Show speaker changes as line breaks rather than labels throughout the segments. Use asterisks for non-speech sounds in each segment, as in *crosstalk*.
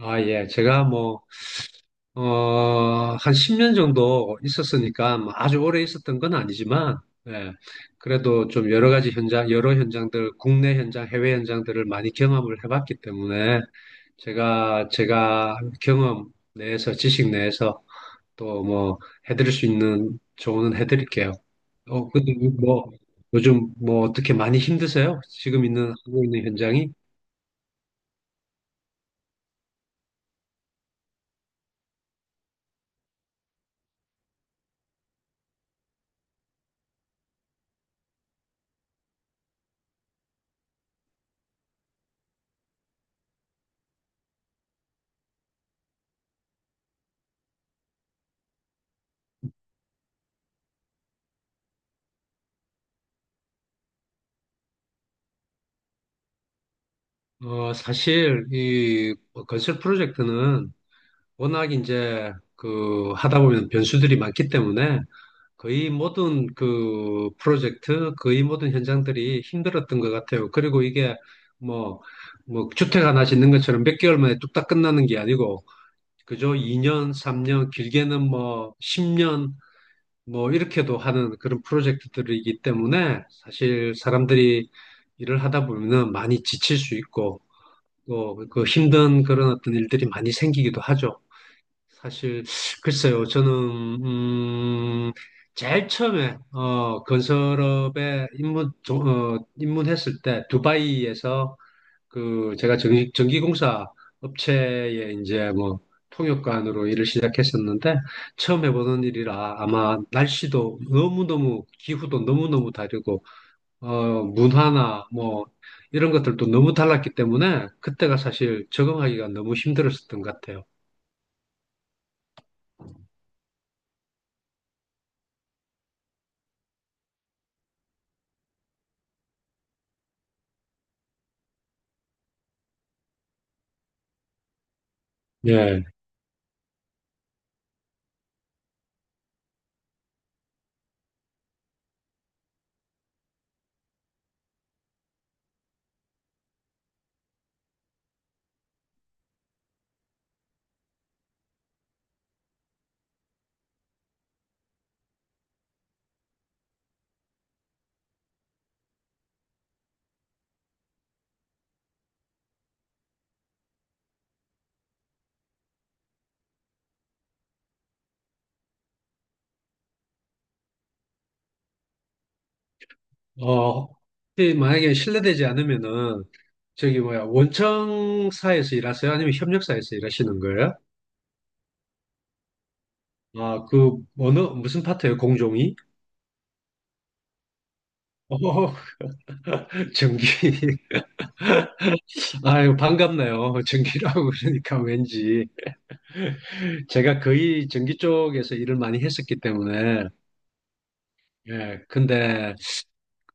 아, 예. 제가 뭐, 어, 한 10년 정도 있었으니까 뭐 아주 오래 있었던 건 아니지만, 예. 그래도 좀 여러 가지 현장, 여러 현장들, 국내 현장, 해외 현장들을 많이 경험을 해봤기 때문에 제가 경험 내에서, 지식 내에서 또 뭐 해드릴 수 있는 조언은 해드릴게요. 근데 뭐, 요즘 뭐 어떻게 많이 힘드세요? 하고 있는 현장이? 사실 이 건설 프로젝트는 워낙 이제 그 하다 보면 변수들이 많기 때문에 거의 모든 현장들이 힘들었던 것 같아요. 그리고 이게 뭐, 뭐 주택 하나 짓는 것처럼 몇 개월 만에 뚝딱 끝나는 게 아니고 그저 2년, 3년, 길게는 뭐 10년 뭐 이렇게도 하는 그런 프로젝트들이기 때문에 사실 사람들이 일을 하다 보면은 많이 지칠 수 있고 그 힘든 그런 어떤 일들이 많이 생기기도 하죠. 사실, 글쎄요, 저는, 음, 제일 처음에, 건설업에 입문했을 때, 두바이에서 그, 제가 전기공사 업체에 이제 뭐, 통역관으로 일을 시작했었는데, 처음 해보는 일이라 아마 날씨도 너무너무, 기후도 너무너무 다르고, 문화나 뭐 이런 것들도 너무 달랐기 때문에 그때가 사실 적응하기가 너무 힘들었었던 것 같아요. 예. 어, 혹시 만약에 실례되지 않으면은 저기 뭐야 원청사에서 일하세요? 아니면 협력사에서 일하시는 거예요? 아, 그 어느 무슨 파트예요? 공종이? 어, *laughs* 전기. *laughs* 아유, 반갑네요. 전기라고 그러니까 왠지. 제가 거의 전기 쪽에서 일을 많이 했었기 때문에. 예, 근데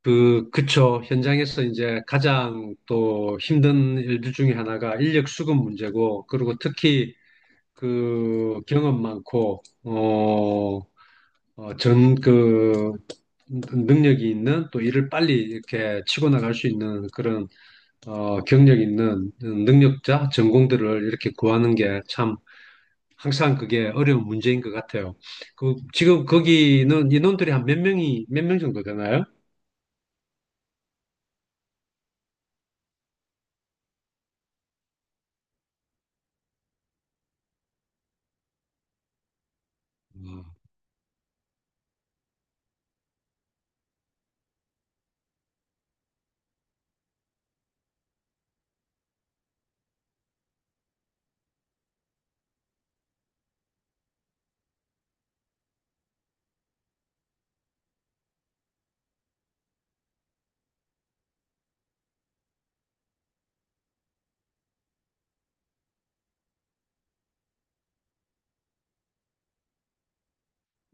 그, 그쵸. 현장에서 이제 가장 또 힘든 일들 중에 하나가 인력 수급 문제고, 그리고 특히 그 경험 많고, 전 그, 능력이 있는 또 일을 빨리 이렇게 치고 나갈 수 있는 그런, 경력 있는 능력자, 전공들을 이렇게 구하는 게 참, 항상 그게 어려운 문제인 것 같아요. 그, 지금 거기는 인원들이 몇 명 정도 되나요?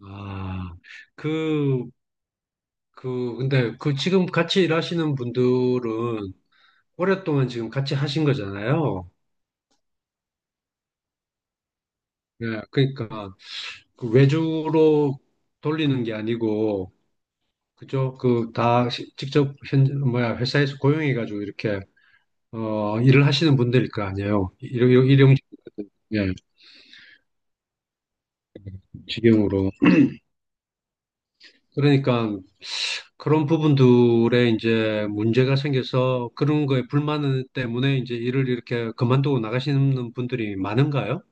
아, 그, 근데 그 지금 같이 일하시는 분들은 오랫동안 지금 같이 하신 거잖아요. 네, 그러니까 그 외주로 돌리는 게 아니고, 그죠? 그 다 직접 회사에서 고용해가지고 이렇게, 일을 하시는 분들일 거 아니에요. 일용, 예, 직영으로. 그러니까 그런 부분들에 이제 문제가 생겨서 그런 거에 불만 때문에 이제 일을 이렇게 그만두고 나가시는 분들이 많은가요?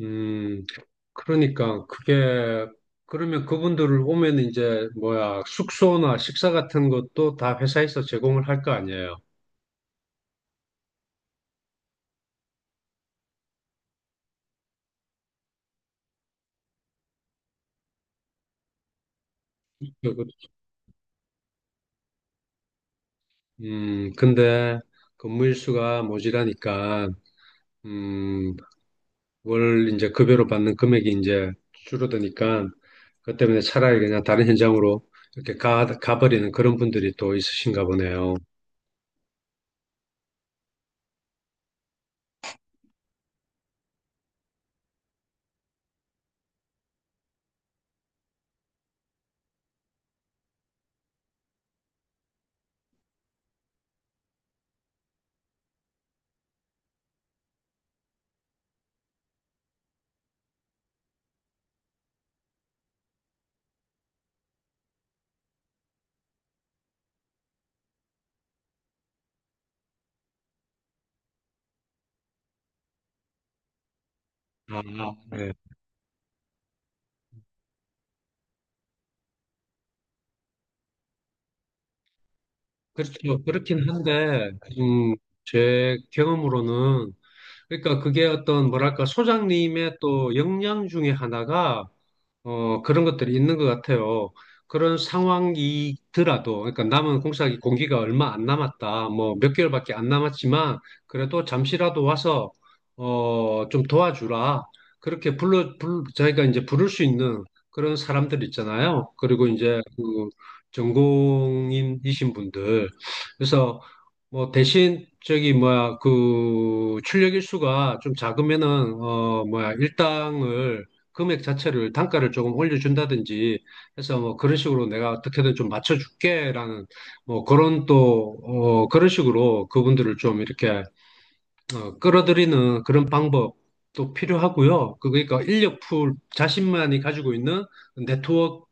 음, 그러니까 그게 그러면 그분들을 오면 이제 뭐야 숙소나 식사 같은 것도 다 회사에서 제공을 할 거 아니에요. 그- 그- 근데 근무 일수가 모자라니까 음, 월 이제 급여로 받는 금액이 이제 줄어드니까 그것 때문에 차라리 그냥 다른 현장으로 이렇게 가버리는 그런 분들이 또 있으신가 보네요. 아, 네. 그렇죠. 그렇긴 한데, 음, 제 경험으로는, 그러니까 그게 어떤, 뭐랄까, 소장님의 또 역량 중에 하나가 그런 것들이 있는 것 같아요. 그런 상황이더라도, 그러니까 남은 공사기 공기가 얼마 안 남았다, 뭐 몇 개월밖에 안 남았지만, 그래도 잠시라도 와서, 좀 도와주라. 그렇게 자기가 이제 부를 수 있는 그런 사람들 있잖아요. 그리고 이제 그 전공인이신 분들. 그래서 뭐 대신 저기 뭐야, 그 출력 일수가 좀 작으면은, 일당을 금액 자체를 단가를 조금 올려준다든지 해서 뭐 그런 식으로 내가 어떻게든 좀 맞춰줄게라는 뭐 그런 또 그런 식으로 그분들을 좀 이렇게 끌어들이는 그런 방법도 필요하고요. 그러니까 인력풀 자신만이 가지고 있는 네트워크가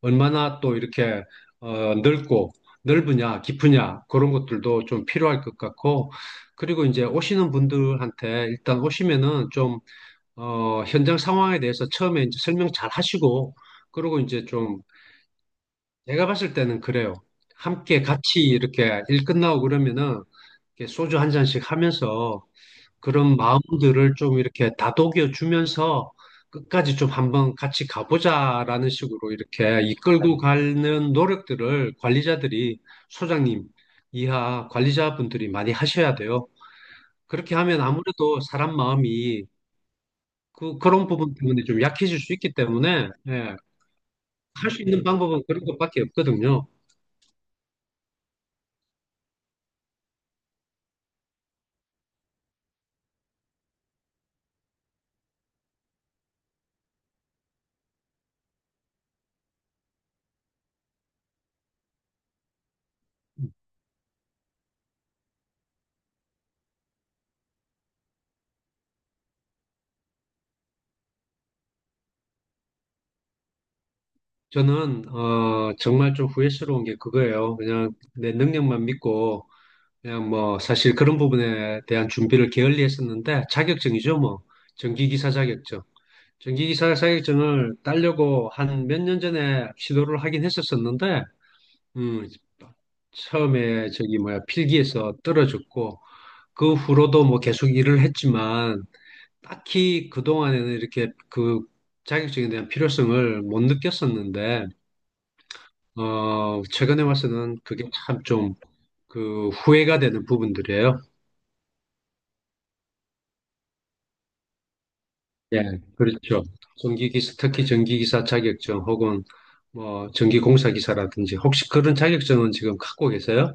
얼마나 또 이렇게 넓고 넓으냐 깊으냐 그런 것들도 좀 필요할 것 같고 그리고 이제 오시는 분들한테 일단 오시면은 좀 현장 상황에 대해서 처음에 이제 설명 잘 하시고, 그러고 이제 좀, 제가 봤을 때는 그래요. 함께 같이 이렇게 일 끝나고 그러면은, 이렇게 소주 한 잔씩 하면서, 그런 마음들을 좀 이렇게 다독여 주면서, 끝까지 좀 한번 같이 가보자라는 식으로 이렇게 이끌고 가는 노력들을 소장님 이하 관리자분들이 많이 하셔야 돼요. 그렇게 하면 아무래도 사람 마음이 그런 부분 때문에 좀 약해질 수 있기 때문에, 예, 할 수 있는 방법은 그런 것밖에 없거든요. 저는, 정말 좀 후회스러운 게 그거예요. 그냥 내 능력만 믿고, 그냥 뭐, 사실 그런 부분에 대한 준비를 게을리 했었는데, 자격증이죠, 뭐. 전기기사 자격증. 전기기사 자격증을 따려고 한 몇 년 전에 시도를 하긴 했었었는데, 음, 처음에 저기 뭐야, 필기에서 떨어졌고, 그 후로도 뭐 계속 일을 했지만, 딱히 그동안에는 이렇게 그 자격증에 대한 필요성을 못 느꼈었는데, 최근에 와서는 그게 참 좀 그 후회가 되는 부분들이에요. 예, 그렇죠. 특히 전기기사 자격증 혹은 뭐 전기공사기사라든지 혹시 그런 자격증은 지금 갖고 계세요?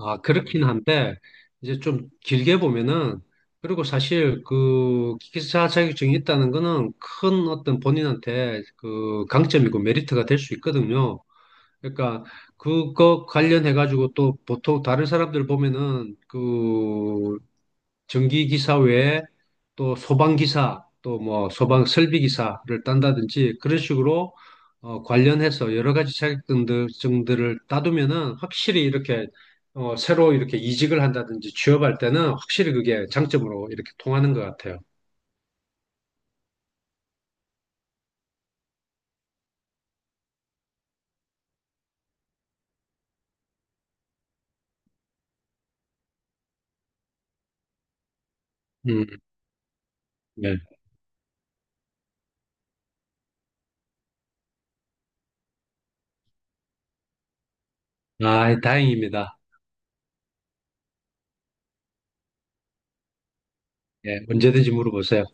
아, 그렇긴 한데, 이제 좀 길게 보면은, 그리고 사실 그 기사 자격증이 있다는 거는 큰 어떤 본인한테 그 강점이고 메리트가 될 수 있거든요. 그러니까 그거 관련해가지고 또 보통 다른 사람들 보면은 그 전기기사 외에 또 소방기사, 또 뭐 소방 설비기사를 딴다든지 그런 식으로 관련해서 여러 가지 증들을 따두면은 확실히 이렇게 새로 이렇게 이직을 한다든지 취업할 때는 확실히 그게 장점으로 이렇게 통하는 것 같아요. 음, 네. 아, 다행입니다. 예, 언제든지 물어보세요.